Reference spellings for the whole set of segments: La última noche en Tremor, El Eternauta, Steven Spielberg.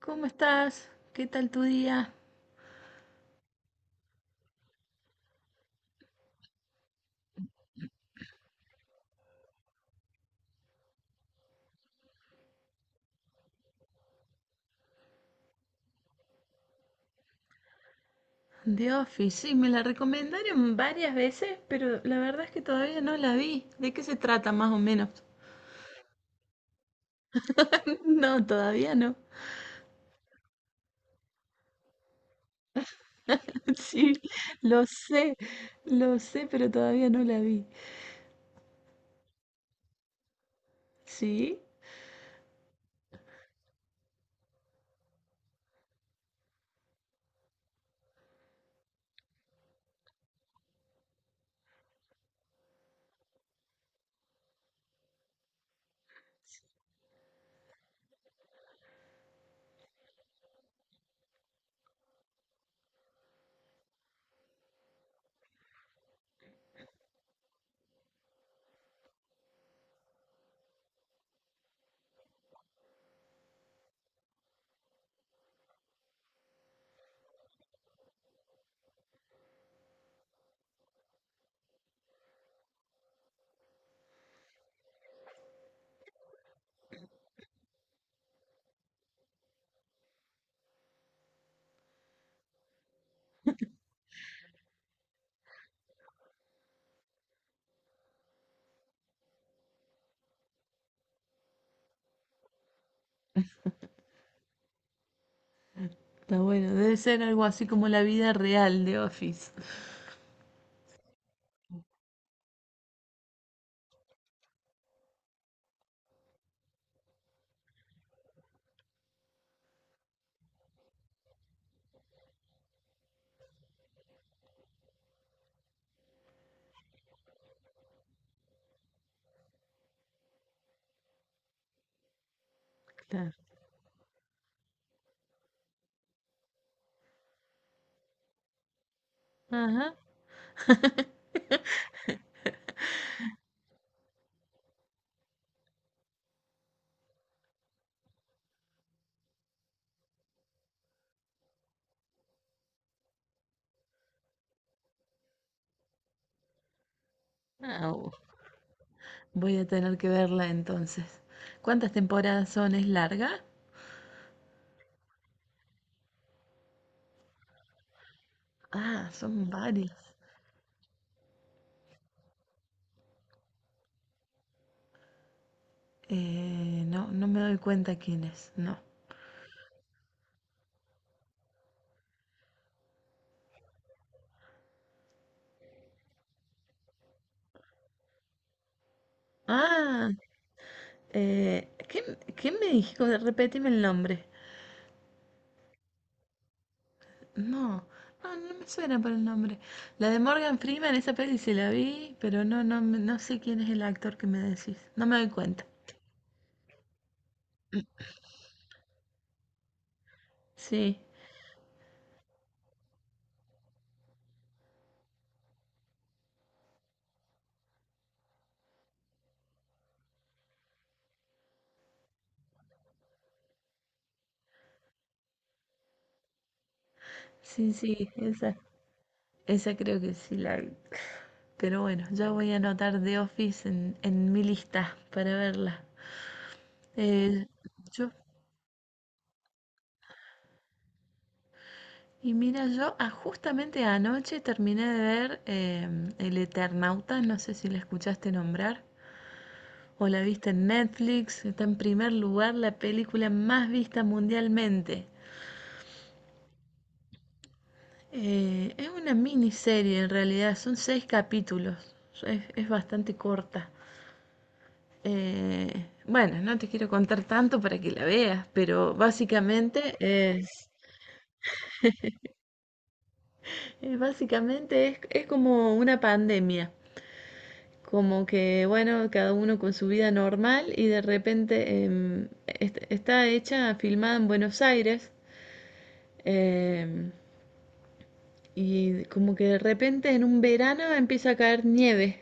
¿Cómo estás? ¿Qué tal tu día? The Office, sí, me la recomendaron varias veces, pero la verdad es que todavía no la vi. ¿De qué se trata más o menos? No, todavía no. Sí, lo sé, lo sé, pero todavía no la vi. Sí, está bueno, debe ser algo así como la vida real de Office. Claro. Ajá. Ah, bu- Voy a tener que verla entonces. ¿Cuántas temporadas son? ¿Es larga? Ah, son varias. No, no me doy cuenta quién es, no. Ah, ¿Qué, me dijo? Repetime el nombre. No, no, no me suena por el nombre. La de Morgan Freeman, esa peli se la vi, pero no, no, no sé quién es el actor que me decís. No me doy cuenta. Sí, sí, sí, esa creo que sí la vi. Pero bueno, ya voy a anotar The Office en mi lista para verla. Eh, yo Y mira, yo justamente anoche terminé de ver El Eternauta, no sé si la escuchaste nombrar o la viste en Netflix, está en primer lugar la película más vista mundialmente. Es una miniserie en realidad, son seis capítulos, es bastante corta. Bueno, no te quiero contar tanto para que la veas, pero básicamente es como una pandemia. Como que, bueno, cada uno con su vida normal y de repente está hecha, filmada en Buenos Aires em, y como que de repente en un verano empieza a caer nieve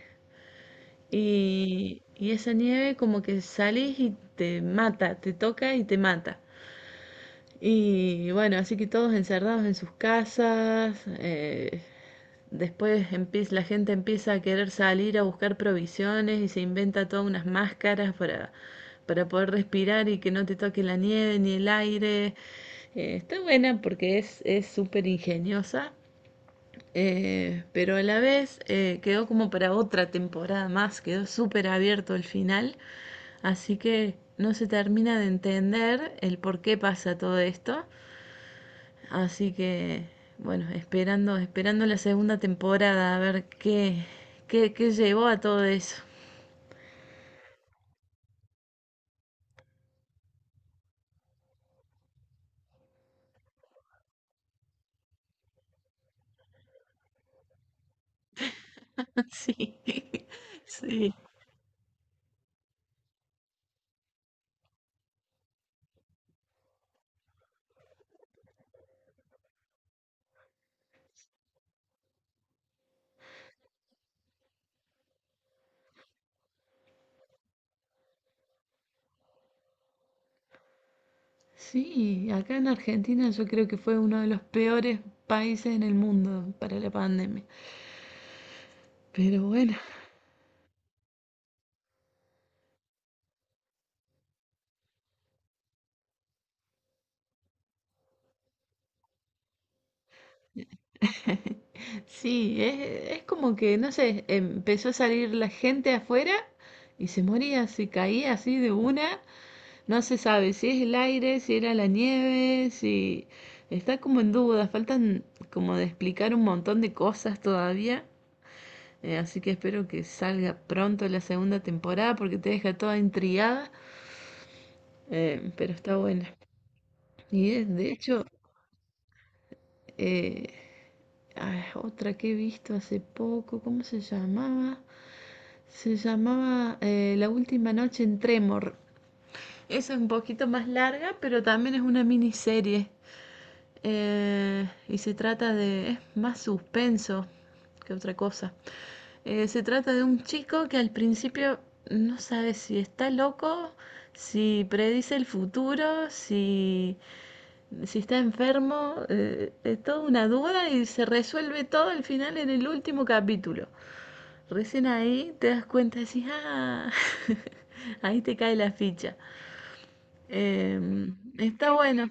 y esa nieve como que salís y te mata, te toca y te mata. Y bueno, así que todos encerrados en sus casas. Después la gente empieza a querer salir a buscar provisiones y se inventa todas unas máscaras para poder respirar y que no te toque la nieve ni el aire. Está buena porque es súper ingeniosa, pero a la vez quedó como para otra temporada más, quedó súper abierto el final, así que no se termina de entender el por qué pasa todo esto. Así que, bueno, esperando, esperando la segunda temporada a ver qué, qué llevó a todo eso. Sí, sí. Sí, acá en Argentina yo creo que fue uno de los peores países en el mundo para la pandemia. Pero bueno, sí, es como que, no sé, empezó a salir la gente afuera y se moría, se caía así de una. No se sabe si es el aire, si era la nieve, si... Está como en duda, faltan como de explicar un montón de cosas todavía. Así que espero que salga pronto la segunda temporada porque te deja toda intrigada, pero está buena. Y de hecho, eh, otra que he visto hace poco, ¿cómo se llamaba? Se llamaba La última noche en Tremor. Esa es un poquito más larga, pero también es una miniserie. Y se trata de... es más suspenso que otra cosa. Se trata de un chico que al principio no sabe si está loco, si predice el futuro, si, si está enfermo. Es toda una duda y se resuelve todo al final en el último capítulo. Recién ahí te das cuenta y decís, ah, ahí te cae la ficha. Eh, Está bueno.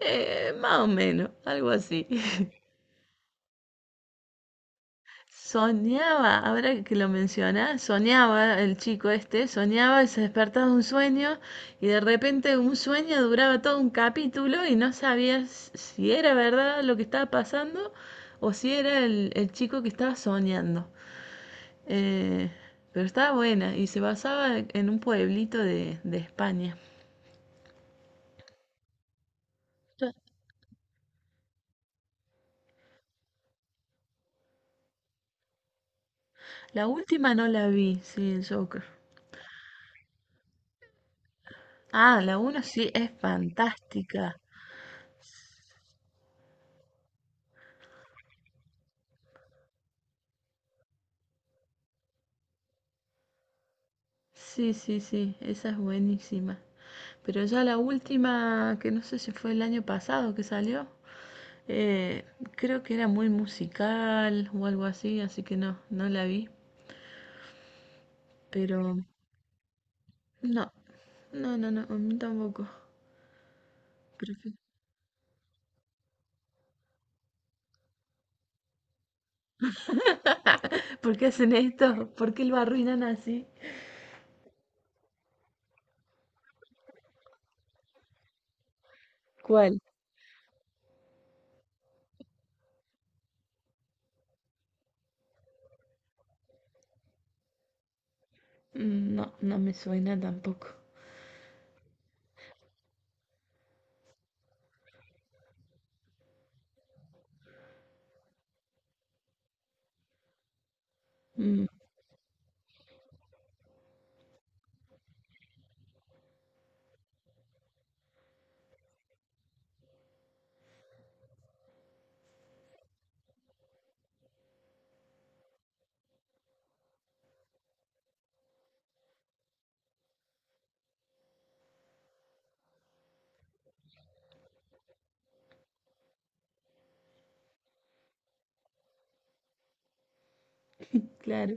Más o menos, algo así. Soñaba, ahora que lo menciona, soñaba el chico este, soñaba y se despertaba de un sueño y de repente un sueño duraba todo un capítulo y no sabías si era verdad lo que estaba pasando o si era el chico que estaba soñando. Eh, pero estaba buena y se basaba en un pueblito de España. La última no la vi, sí, el Joker. Ah, la uno sí es fantástica. Sí, sí, sí, esa es buenísima. Pero ya la última, que no sé si fue el año pasado que salió, eh, creo que era muy musical o algo así, así que no, no la vi. Pero no, no, no, no, a mí tampoco. Prefiero- ¿Por qué hacen esto? ¿Por qué lo arruinan así? ¿Cuál? Mm, no, no me suena tampoco. Mm, claro.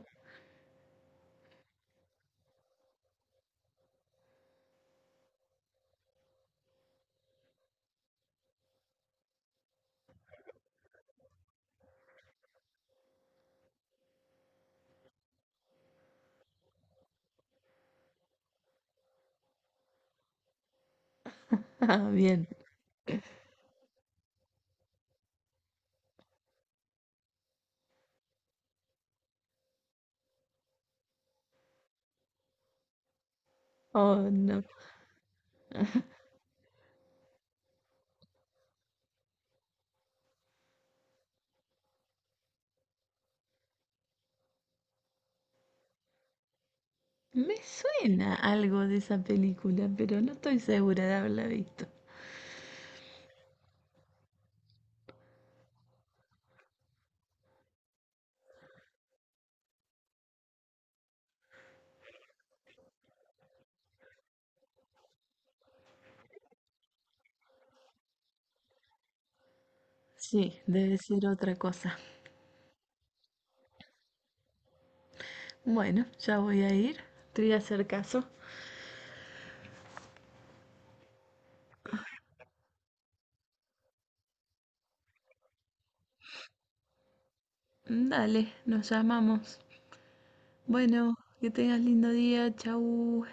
Ah, bien. Oh, no. Me suena algo de esa película, pero no estoy segura de haberla visto. Sí, debe ser otra cosa. Bueno, ya voy a ir. Te voy a hacer caso. Dale, nos llamamos. Bueno, que tengas lindo día. Chau.